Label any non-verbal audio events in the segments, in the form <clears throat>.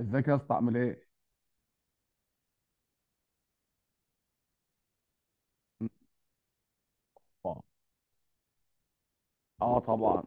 ازيك يا اسطى عامل ايه؟ اه. آه طبعا.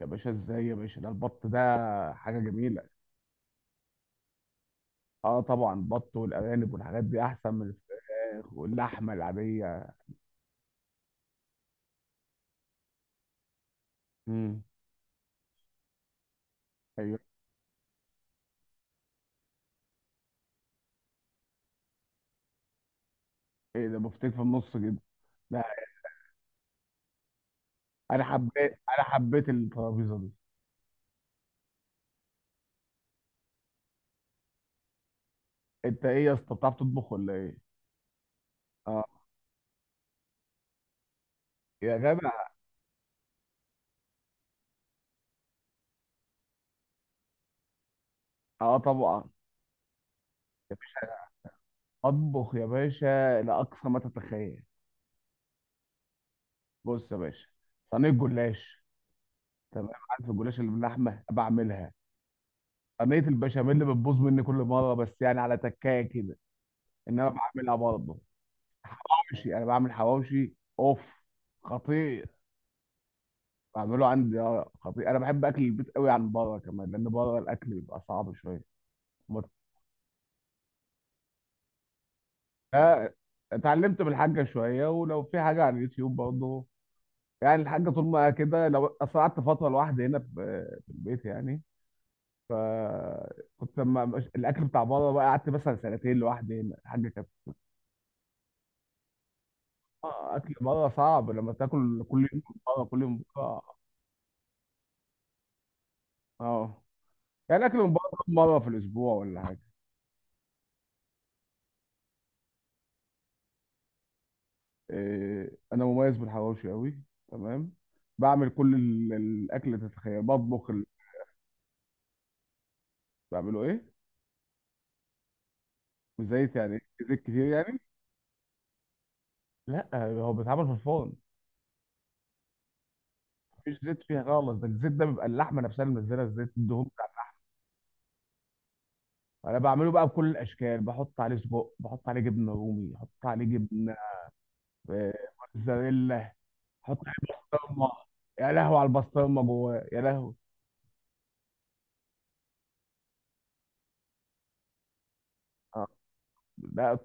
يا باشا ازاي يا باشا، ده البط ده حاجه جميله. اه طبعا، البط والارانب والحاجات دي احسن من الفراخ واللحمه العاديه. امم. ايوه. ايه ده، بفتيك في النص كده؟ لا. انا حبيت الترابيزه دي. انت ايه يا اسطى، بتعرف تطبخ ولا ايه؟ اه. يا جدع. اه طبعا يا باشا، اطبخ يا باشا لاقصى ما تتخيل. بص يا باشا، صينيه جلاش. تمام، عارف الجلاش اللي باللحمه بعملها. صينيه البشاميل اللي بتبوظ مني كل مره، بس يعني على تكايه كده. انما بعملها برضه. حواوشي، انا بعمل حواوشي اوف، خطير. بعمله عندي خطير. انا بحب اكل البيت قوي عن بره، كمان لان بره الاكل بيبقى صعب شويه. مت- آه، اتعلمت من الحاجه شويه، ولو في حاجه على اليوتيوب برضه. يعني الحاجه طول ما كده، لو أصل قعدت فتره لوحدي هنا في البيت يعني. فكنت لما الاكل بتاع بره بقى، قعدت مثلا سنتين لوحدي هنا، الحاجه كانت. اكل بره صعب لما تاكل كل يوم من بره، كل يوم من بره. اه. يعني اكل من بره كم مره في الاسبوع ولا حاجه؟ إيه، انا مميز بالحواوشي قوي. تمام. بعمل كل الاكل اللي تتخيل، بطبخ بعمله ايه. بزيت يعني إيه؟ زيت كتير يعني. لا، هو بيتعمل في الفرن. مفيش زيت فيها خالص، ده الزيت ده بيبقى اللحمه نفسها اللي منزله الزيت، الدهون بتاعتها. انا بعمله بقى بكل الاشكال، بحط عليه سجق، بحط عليه جبنه رومي، بحط عليه جبنه آه، موتزاريلا. حط عليه بسطرمه. يا لهوي على البسطرمه جواه، يا لهوي. اه. لا.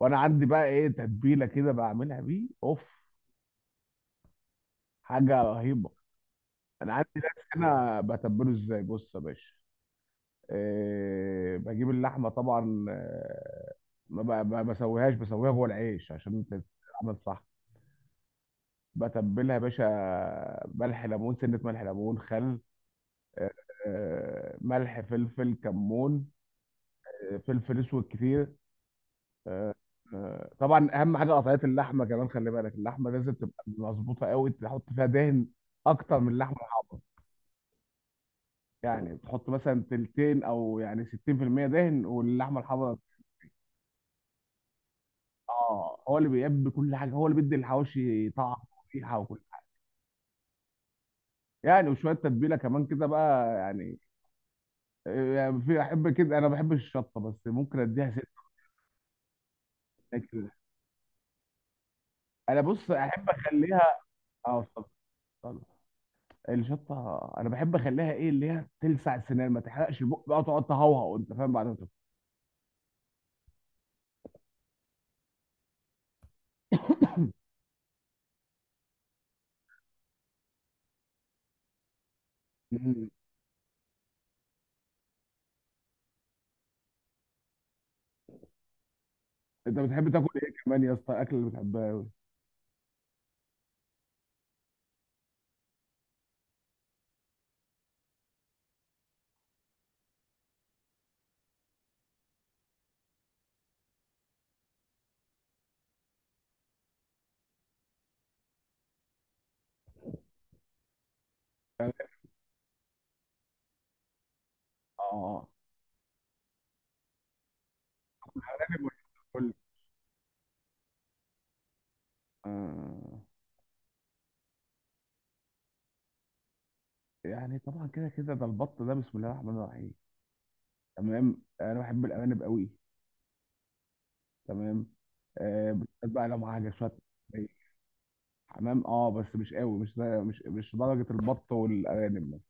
وانا عندي بقى ايه، تتبيله كده بعملها بيه اوف، حاجه رهيبه. انا عندي ناس هنا بتبله ازاي، بص يا باشا. إيه، بجيب اللحمه طبعا، ما بسويهاش، بسويها جوه العيش عشان تتعمل صح. بتبلها يا باشا، ملح ليمون سنه، ملح ليمون خل، آه، ملح فلفل كمون، فلفل اسود كتير، آه، طبعا اهم حاجه قطعيه اللحمه، كمان خلي بالك اللحمه لازم تبقى مظبوطه قوي، تحط فيها دهن اكتر من اللحمه الحمراء. يعني تحط مثلا تلتين، او يعني 60% دهن واللحمه الحمراء. اه، هو اللي بيبي كل حاجه، هو اللي بيدي الحواوشي طعم وريحه وكل حاجه. يعني وشويه تتبيله كمان كده بقى يعني، يعني في احب كده، انا ما بحبش الشطه بس ممكن اديها ست كده. انا بص احب اخليها. اه اتفضل. اتفضل. الشطه انا بحب اخليها ايه اللي هي تلسع السنان، ما تحرقش البق بقى، تقعد تهوهو انت فاهم، بعدها تاكل. مم. انت بتحب تاكل ايه كمان يا اسطى، الاكل اللي بتحبها أوي. اه. أنا كل آه. يعني طبعا كده كده، ده البط ده بسم الله الرحمن الرحيم. تمام. انا بحب الارانب قوي. تمام. آه، بالذات بقى لو معاها شويه. حمام اه، بس مش قوي، مش درجه البط والارانب.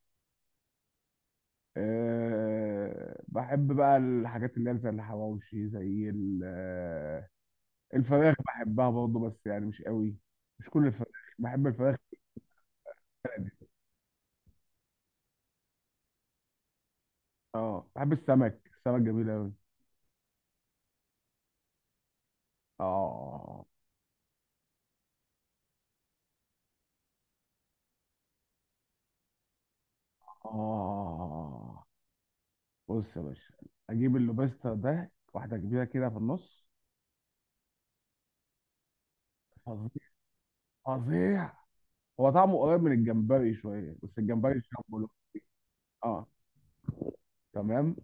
أه بحب بقى الحاجات اللي هي زي الحواوشي، زي الفراخ بحبها برضه بس يعني مش قوي. مش كل الفراخ. بحب الفراخ. اه بحب السمك، السمك جميل قوي. اه اه، بص يا باشا، اجيب اللوبستر ده، واحده كبيره كده في النص. فظيع، فظيع. هو طعمه قريب من الجمبري شويه، بس الجمبري شامبو له. اه. تمام.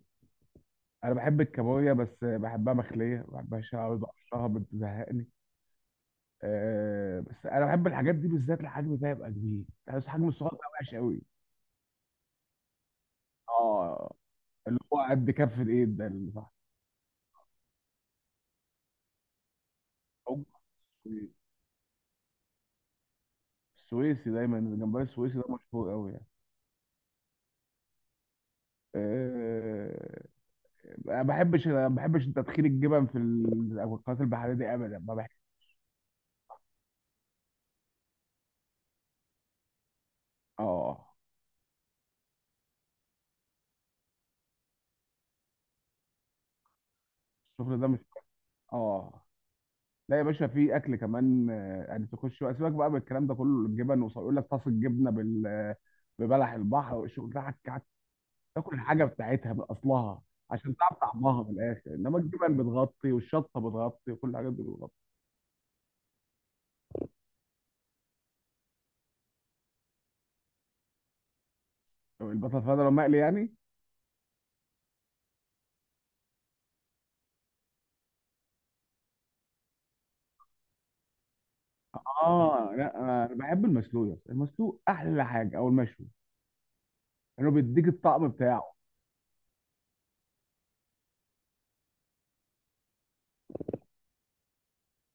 انا بحب الكابوريا، بس بحبها مخليه، ما بحبهاش قوي بقشرها بتزهقني. آه بس انا بحب الحاجات دي، بالذات الحجم ده يبقى كبير، بس الحجم الصغير ده وحش قوي. اه. اللي هو قد كف الايد ده اللي صح. حجم السويسي. السويسي دايما، الجمبري السويسي ده مشهور قوي يعني. آه، ما بحبش تدخين الجبن في القنوات البحريه دي ابدا، ما بحبش. اه. الشغل ده مش. اه. لا يا باشا، في اكل كمان، يعني تخش بقى، سيبك بقى من الكلام ده كله الجبن ويقول لك طاس الجبنه بال ببلح البحر والشغل ده. تاكل الحاجه بتاعتها باصلها عشان تعرف طعمها من الاخر، انما الجبن بتغطي والشطه بتغطي وكل الحاجات دي بتغطي. طب البطاطا لو مقلي يعني. اه لا، انا بحب المسلوق يا اسطى. المسلوق احلى حاجه، او المشوي، لانه بيديك الطعم بتاعه.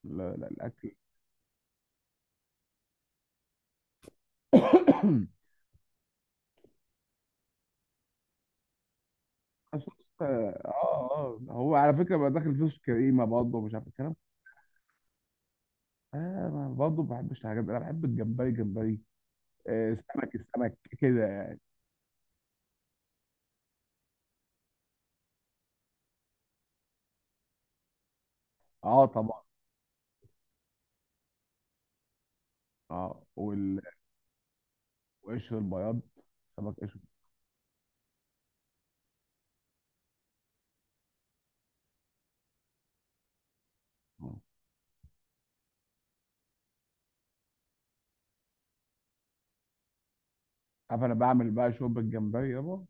لا لا الاكل. <coughs> خصوص. <clears throat> اه اه، هو على فكره بقى داخل فيه صوص كريمه برضه، ومش عارف الكلام. اه، ما برضه ما بحبش الحاجات دي. انا بحب الجمبري جمبري. آه السمك السمك كده يعني. اه طبعا. اه والقشر البياض، سمك قشر. عارف انا بعمل بقى شوربه جمبري، يابا ما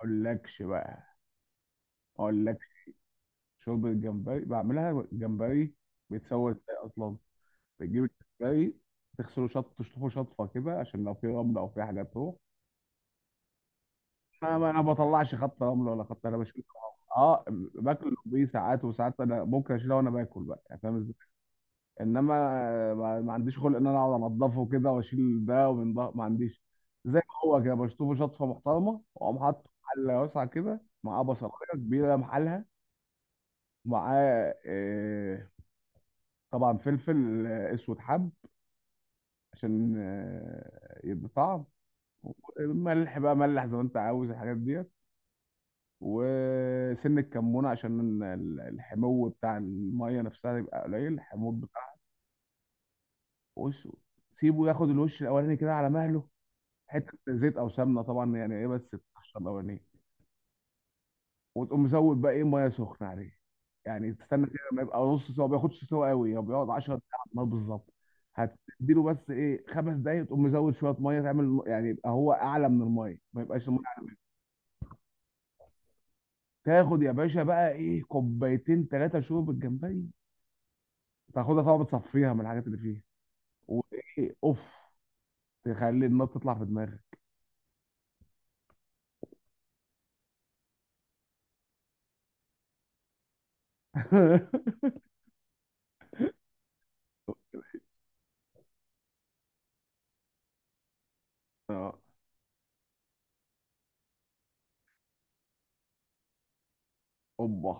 اقولكش بقى. ما اقولكش. شوربه جمبري بعملها جمبري، بيتسوى ازاي اصلا؟ بتجيب الجمبري، تغسله تشطفه شطفه كده، عشان لو في رمله او في حاجه تروح. ما انا ما بطلعش خط رمله ولا خط، انا بشيل. اه. باكل بيه ساعات وساعات، انا ممكن اشيلها وانا باكل بقى يعني، فاهم. انما ما عنديش خلق ان انا اقعد انضفه كده واشيل ده ومن ده، ما عنديش. زي ما هو كده، بشطفه شطفه محترمه، واقوم حاطه في حله واسعه كده معاه، بصلايه كبيره محلها معاه، طبعا فلفل اسود حب عشان يدي طعم. ملح بقى، ملح زي ما انت عاوز الحاجات ديت. وسن الكمون عشان الحمو بتاع الميه نفسها يبقى قليل الحموض بتاعه. وش سيبه ياخد الوش الاولاني كده على مهله، حته زيت او سمنه طبعا يعني ايه، بس القشره الاولانيه. وتقوم مزود بقى ايه ميه سخنه عليه، يعني تستنى كده ما يبقى نص سوا، ما بياخدش سوا قوي، هو بيقعد 10 دقايق على النار بالظبط. هتديله بس ايه 5 دقايق، تقوم مزود شويه ميه تعمل يعني، يبقى هو اعلى من الميه ما يبقاش الميه. تاخد يا باشا بقى ايه كوبايتين ثلاثه شوربه جمبري، تاخدها طبعا بتصفيها من الحاجات اللي فيها، وايه اوف، تخلي النار تطلع في دماغك. <laughs> اه. اوبا.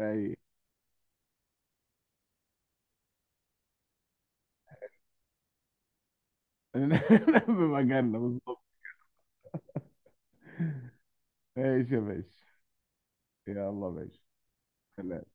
اي. <laughs> بمجلة بالظبط. ماشي يا باشا. يلا يا باشا. سلام.